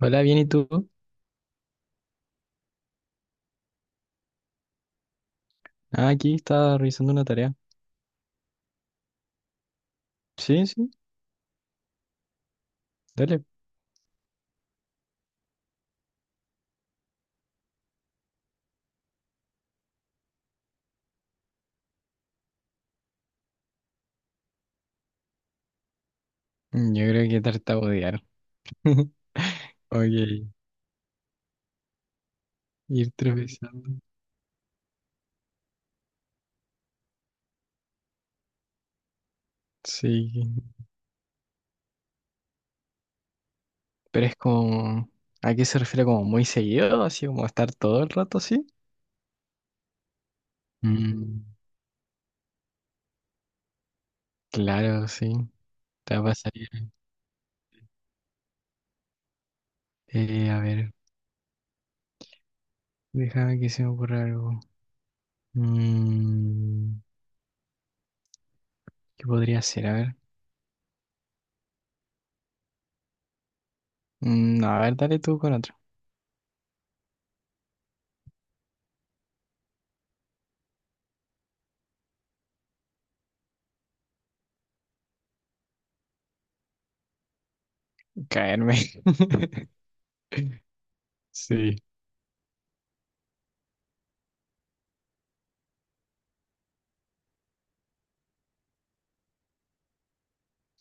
Hola, bien, ¿y tú? Ah, aquí estaba revisando una tarea. Sí, sí, dale. Yo creo que tartamudear. Ok, ir tropezando. Sí, pero es como... ¿A qué se refiere como muy seguido? Así como estar todo el rato así. Mm, claro, sí. Te va a pasar. A ver, déjame que se me ocurra algo. Mm, ¿qué podría ser? A ver. Mm, no, a ver, dale tú con otro. Caerme. Sí,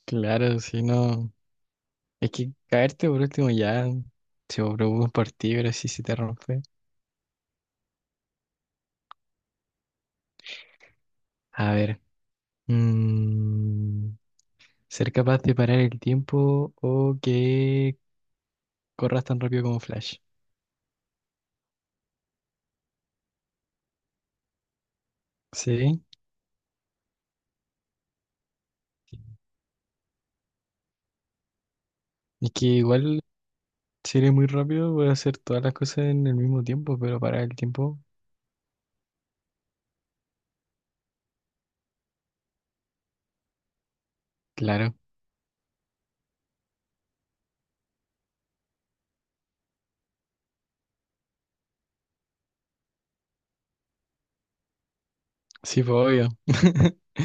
claro, si no. Es que caerte por último ya, si vos preocupas por un partido, pero si se te rompe. A ver, mm, ser capaz de parar el tiempo o que corras tan rápido como Flash. Sí, es que igual si eres muy rápido puedes hacer todas las cosas en el mismo tiempo, pero parar el tiempo, claro, sí, pues obvio.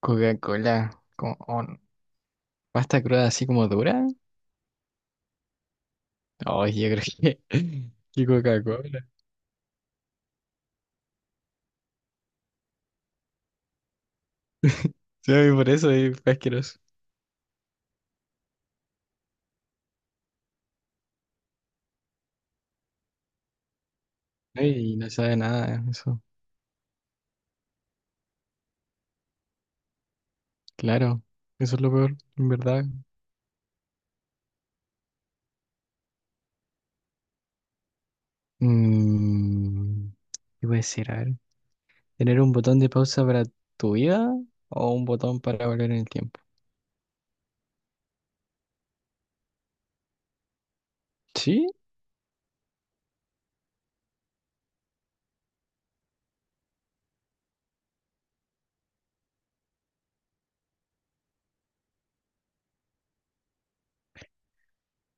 Coca-Cola, con on- pasta cruda así como dura. Ay, yo creo que, que Coca-Cola. Sí, por eso es asqueroso. Ey, no sabe nada, eso, claro, eso es lo peor, en verdad. Mm, ¿qué puede ser? A ver, ¿tener un botón de pausa para tu vida o un botón para volver en el tiempo? Sí,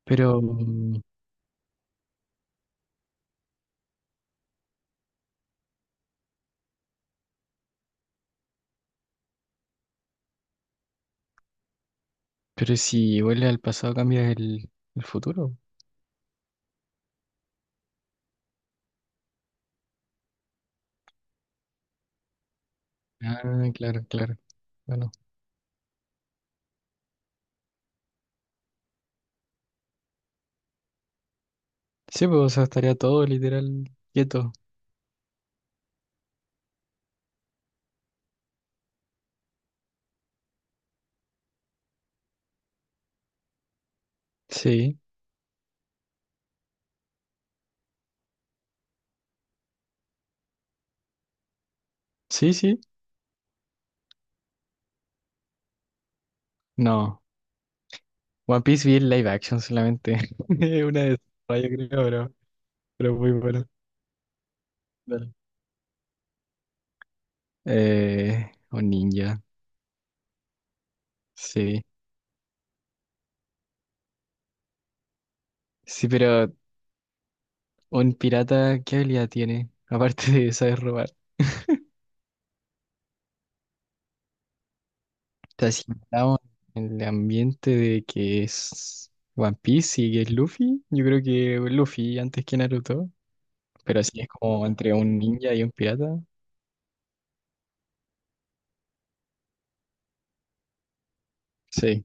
pero, mm, pero si vuelves al pasado cambias el futuro. Ah, claro, claro, bueno. Sí, pues o sea, estaría todo literal quieto. Sí, sí. No, One Piece vi el live action solamente. Una de esas, yo creo, pero muy bueno. Dale. Un ninja, sí. Sí, pero un pirata, ¿qué habilidad tiene? Aparte de saber robar. O sea, si estamos en el ambiente de que es One Piece y que es Luffy, yo creo que Luffy antes que Naruto. Pero así es como entre un ninja y un pirata. Sí.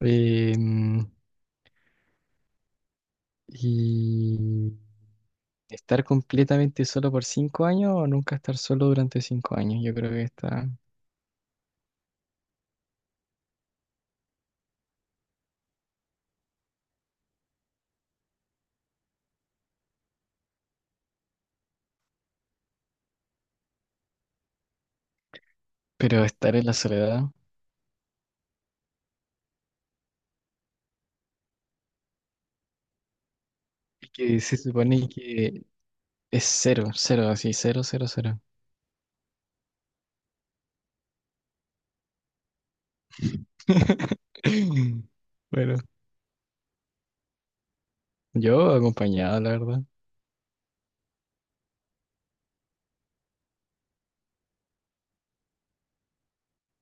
Em, y estar completamente solo por 5 años o nunca estar solo durante 5 años, yo creo que está. Pero estar en la soledad. Y que se supone que es cero, cero, así, cero, cero, cero. Bueno, yo acompañado, la verdad.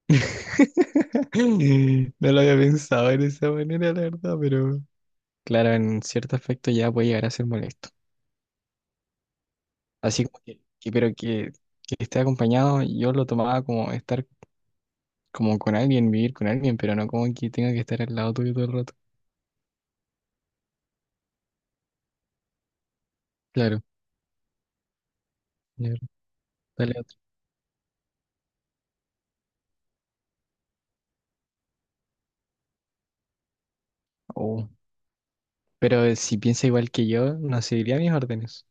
No lo había pensado en esa manera, la verdad, pero claro, en cierto aspecto ya puede llegar a ser molesto. Así como que esté acompañado, yo lo tomaba como estar como con alguien, vivir con alguien, pero no como que tenga que estar al lado tuyo todo el rato. Claro, ya, dale otro. Oh, pero si piensa igual que yo, no seguiría mis órdenes.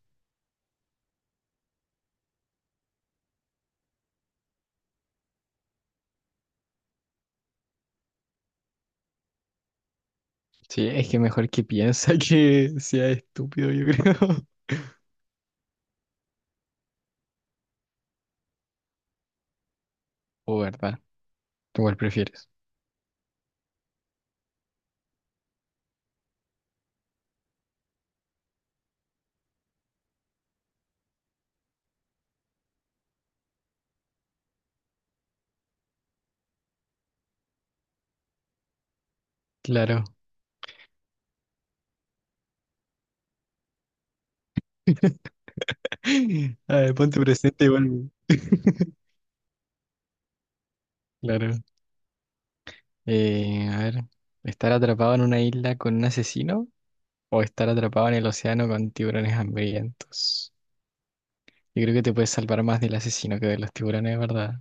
Sí, es que mejor que piensa que sea estúpido, yo creo. O verdad, ¿tú cuál prefieres? Claro. A ver, ponte presente igual. Claro. A ver, ¿estar atrapado en una isla con un asesino o estar atrapado en el océano con tiburones hambrientos? Yo creo que te puedes salvar más del asesino que de los tiburones, ¿verdad?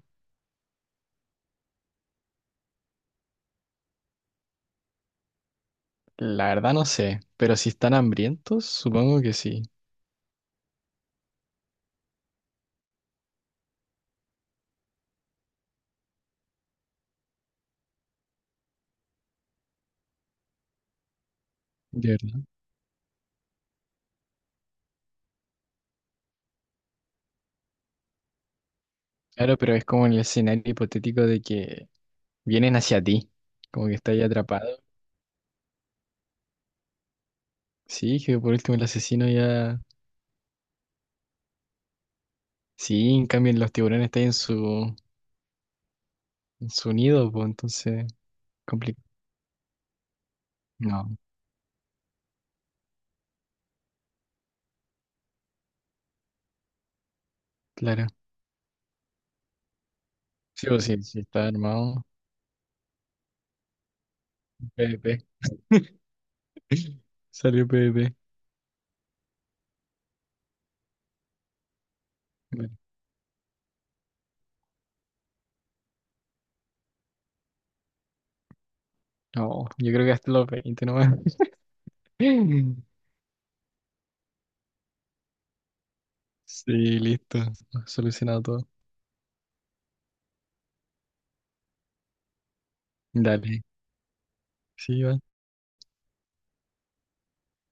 La verdad no sé, pero si están hambrientos, supongo que sí. De verdad. Claro, pero es como el escenario hipotético de que vienen hacia ti, como que está ahí atrapado. Sí, que por último el asesino ya... Sí, en cambio los tiburones están en en su nido, pues entonces complicado. No, claro. Sí está armado. PvP, salió PvP. Bueno, no, yo creo que hasta los 20 nomás. Sí, listo, solucionado todo. Dale, sí, va.